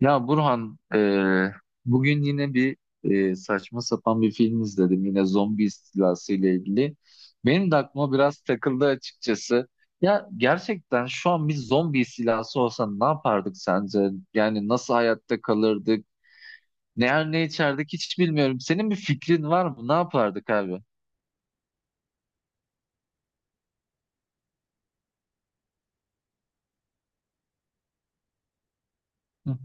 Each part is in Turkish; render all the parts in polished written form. Ya Burhan, bugün yine bir saçma sapan bir film izledim. Yine zombi istilası ile ilgili. Benim de aklıma biraz takıldı açıkçası. Ya gerçekten şu an bir zombi istilası olsa ne yapardık sence? Yani nasıl hayatta kalırdık? Ne yer ne içerdik hiç bilmiyorum. Senin bir fikrin var mı? Ne yapardık abi? Hı.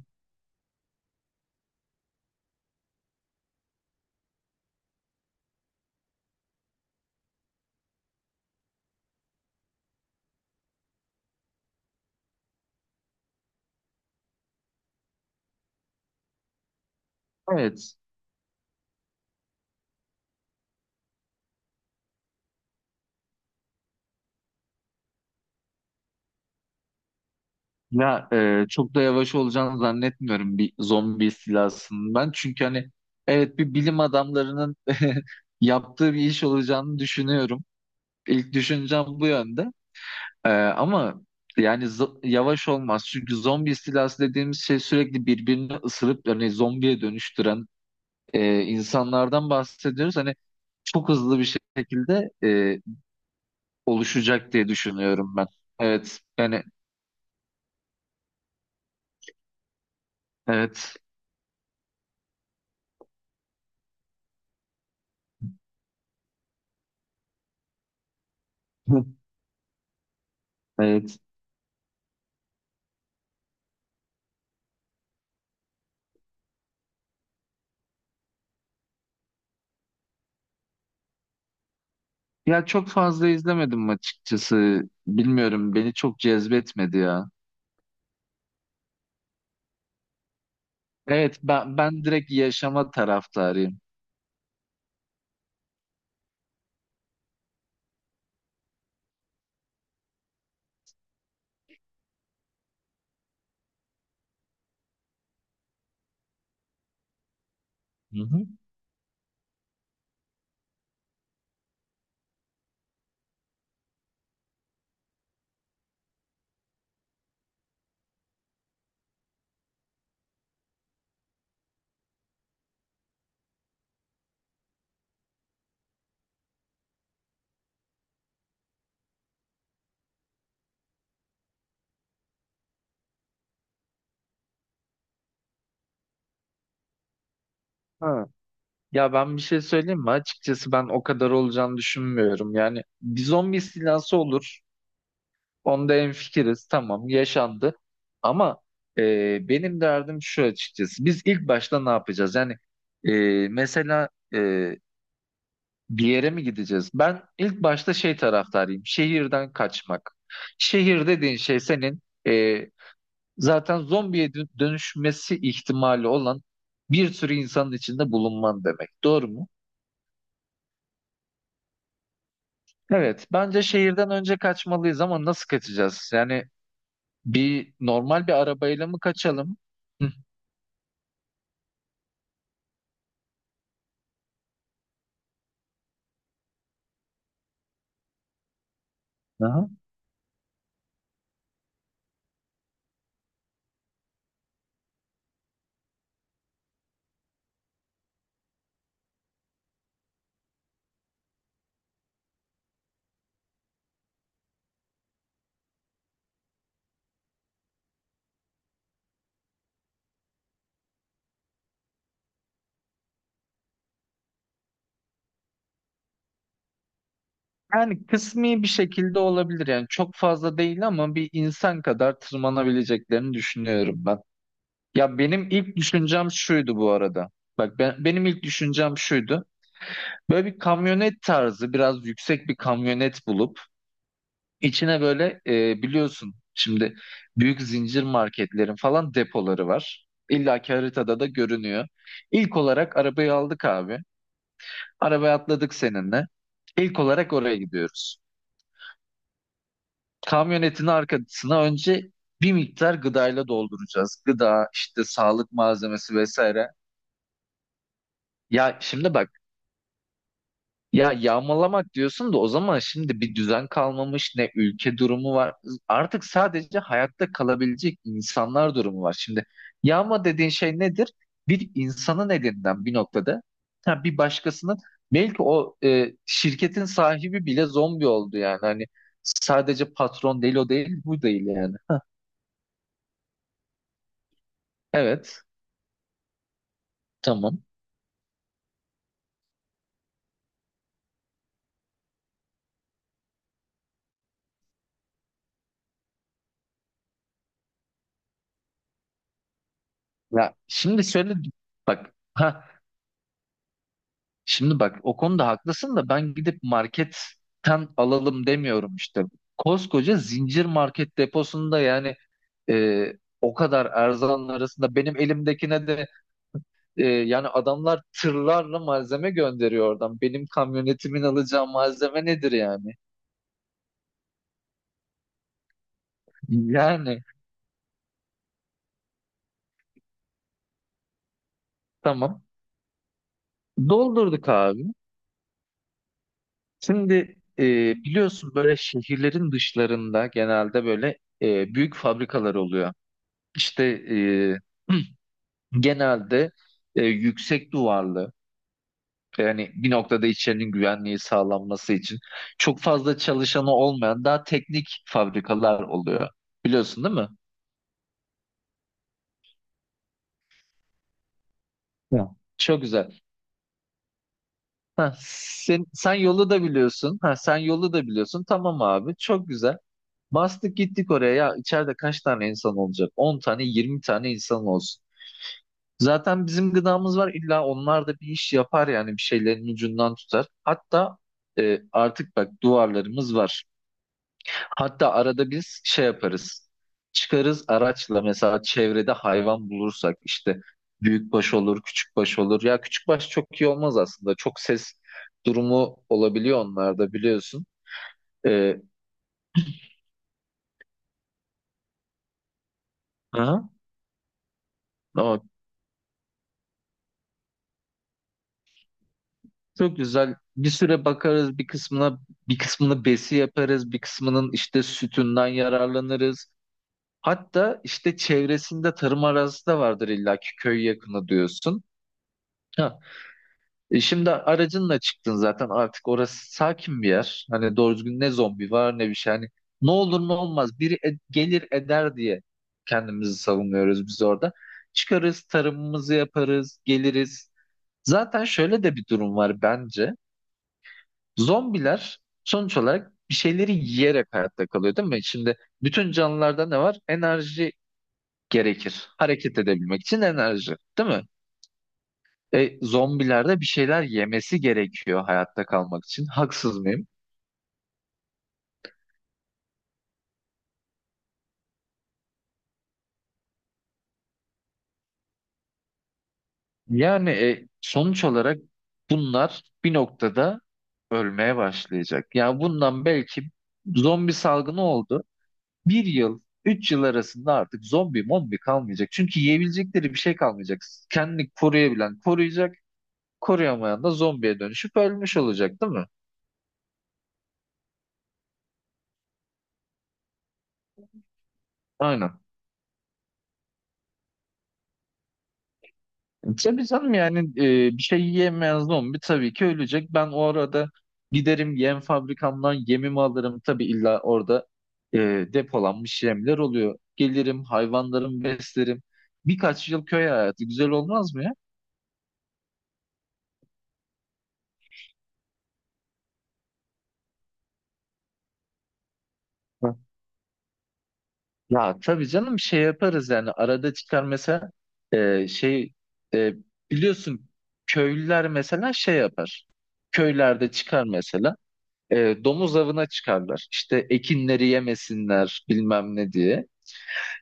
Evet. Ya çok da yavaş olacağını zannetmiyorum bir zombi istilasının ben. Çünkü hani evet bir bilim adamlarının yaptığı bir iş olacağını düşünüyorum. İlk düşüncem bu yönde. E, ama yani yavaş olmaz. Çünkü zombi istilası dediğimiz şey sürekli birbirini ısırıp yani zombiye dönüştüren insanlardan bahsediyoruz. Hani çok hızlı bir şekilde oluşacak diye düşünüyorum ben. Evet yani evet. Evet. Ya çok fazla izlemedim açıkçası. Bilmiyorum beni çok cezbetmedi ya. Evet ben, ben direkt yaşama taraftarıyım. Hı hı. Ha. Ya ben bir şey söyleyeyim mi? Açıkçası ben o kadar olacağını düşünmüyorum. Yani bir zombi istilası olur. Onda hemfikiriz. Tamam yaşandı. Ama benim derdim şu açıkçası. Biz ilk başta ne yapacağız? Yani e, mesela bir yere mi gideceğiz? Ben ilk başta şey taraftarıyım. Şehirden kaçmak. Şehir dediğin şey senin e, zaten zombiye dönüşmesi ihtimali olan bir sürü insanın içinde bulunman demek. Doğru mu? Evet. Bence şehirden önce kaçmalıyız ama nasıl kaçacağız? Yani bir normal bir arabayla mı kaçalım? Hı. Aha. Yani kısmi bir şekilde olabilir. Yani çok fazla değil ama bir insan kadar tırmanabileceklerini düşünüyorum ben. Ya benim ilk düşüncem şuydu bu arada. Bak ben, benim ilk düşüncem şuydu. Böyle bir kamyonet tarzı biraz yüksek bir kamyonet bulup içine böyle biliyorsun şimdi büyük zincir marketlerin falan depoları var. İlla ki haritada da görünüyor. İlk olarak arabayı aldık abi. Arabaya atladık seninle. İlk olarak oraya gidiyoruz. Kamyonetin arkasına önce bir miktar gıdayla dolduracağız. Gıda, işte sağlık malzemesi vesaire. Ya şimdi bak, ya yağmalamak diyorsun da o zaman şimdi bir düzen kalmamış ne ülke durumu var. Artık sadece hayatta kalabilecek insanlar durumu var. Şimdi yağma dediğin şey nedir? Bir insanın elinden bir noktada ha, bir başkasının belki o şirketin sahibi bile zombi oldu yani. Hani sadece patron değil o değil bu değil yani. Ha, evet tamam. Ya şimdi şöyle bak. Şimdi bak o konuda haklısın da ben gidip marketten alalım demiyorum işte. Koskoca zincir market deposunda yani e, o kadar erzağın arasında benim elimdekine de yani adamlar tırlarla malzeme gönderiyor oradan. Benim kamyonetimin alacağı malzeme nedir yani? Yani tamam doldurduk abi. Şimdi e, biliyorsun böyle şehirlerin dışlarında genelde böyle büyük fabrikalar oluyor. İşte e, genelde yüksek duvarlı yani bir noktada içerinin güvenliği sağlanması için çok fazla çalışanı olmayan daha teknik fabrikalar oluyor. Biliyorsun değil mi? Ya. Çok güzel. Ha, sen, sen yolu da biliyorsun. Ha, sen yolu da biliyorsun. Tamam abi. Çok güzel. Bastık gittik oraya. Ya içeride kaç tane insan olacak? 10 tane, 20 tane insan olsun. Zaten bizim gıdamız var illa onlar da bir iş yapar yani bir şeylerin ucundan tutar. Hatta artık bak duvarlarımız var. Hatta arada biz şey yaparız. Çıkarız araçla mesela çevrede hayvan bulursak işte büyükbaş olur, küçükbaş olur. Ya küçükbaş çok iyi olmaz aslında. Çok ses durumu olabiliyor onlarda biliyorsun. E, aha, ama çok güzel. Bir süre bakarız bir kısmına, bir kısmını besi yaparız, bir kısmının işte sütünden yararlanırız. Hatta işte çevresinde tarım arazisi de vardır illaki köy yakını diyorsun. Ha. E şimdi aracınla çıktın zaten artık orası sakin bir yer. Hani doğru düzgün ne zombi var ne bir şey. Hani ne olur ne olmaz biri gelir eder diye kendimizi savunuyoruz biz orada. Çıkarız tarımımızı yaparız geliriz. Zaten şöyle de bir durum var bence. Zombiler sonuç olarak bir şeyleri yiyerek hayatta kalıyor değil mi? Şimdi bütün canlılarda ne var? Enerji gerekir. Hareket edebilmek için enerji, değil mi? Zombilerde bir şeyler yemesi gerekiyor hayatta kalmak için. Haksız mıyım? Yani sonuç olarak bunlar bir noktada ölmeye başlayacak. Yani bundan belki zombi salgını oldu. Bir yıl, 3 yıl arasında artık zombi mombi kalmayacak. Çünkü yiyebilecekleri bir şey kalmayacak. Kendini koruyabilen koruyacak, koruyamayan da zombiye dönüşüp ölmüş olacak, değil mi? Aynen. Tabii canım yani bir şey yiyemeyen zombi tabii ki ölecek. Ben o arada giderim yem fabrikamdan yemimi alırım. Tabii illa orada e, depolanmış yemler oluyor. Gelirim hayvanlarımı beslerim. Birkaç yıl köy hayatı güzel olmaz mı ya? Hı. Ya tabii canım şey yaparız yani arada çıkar mesela şey e, biliyorsun köylüler mesela şey yapar. Köylerde çıkar mesela. Domuz avına çıkarlar. İşte ekinleri yemesinler bilmem ne diye.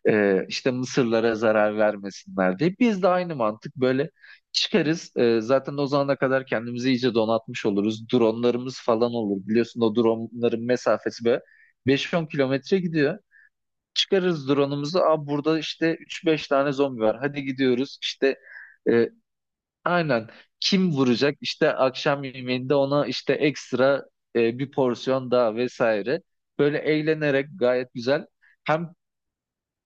İşte mısırlara zarar vermesinler diye. Biz de aynı mantık böyle çıkarız. Zaten o zamana kadar kendimizi iyice donatmış oluruz. Dronlarımız falan olur. Biliyorsun o dronların mesafesi böyle 5-10 kilometre gidiyor. Çıkarız drone'umuzu. Aa, burada işte üç beş tane zombi var. Hadi gidiyoruz. İşte e, aynen. Kim vuracak? İşte akşam yemeğinde ona işte ekstra bir porsiyon daha vesaire. Böyle eğlenerek gayet güzel. Hem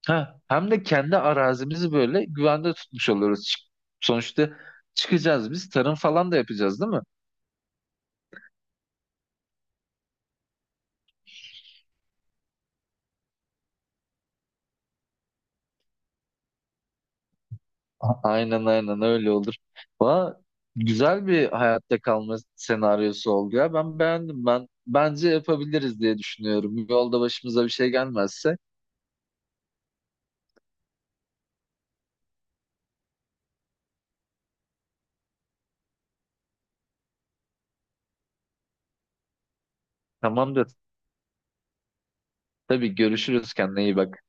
ha, hem de kendi arazimizi böyle güvende tutmuş oluyoruz. Sonuçta çıkacağız biz. Tarım falan da yapacağız değil mi? Aynen aynen öyle olur. Valla güzel bir hayatta kalma senaryosu oldu ya. Ben beğendim. Ben bence yapabiliriz diye düşünüyorum. Yolda başımıza bir şey gelmezse. Tamamdır. Tabii görüşürüz. Kendine iyi bak.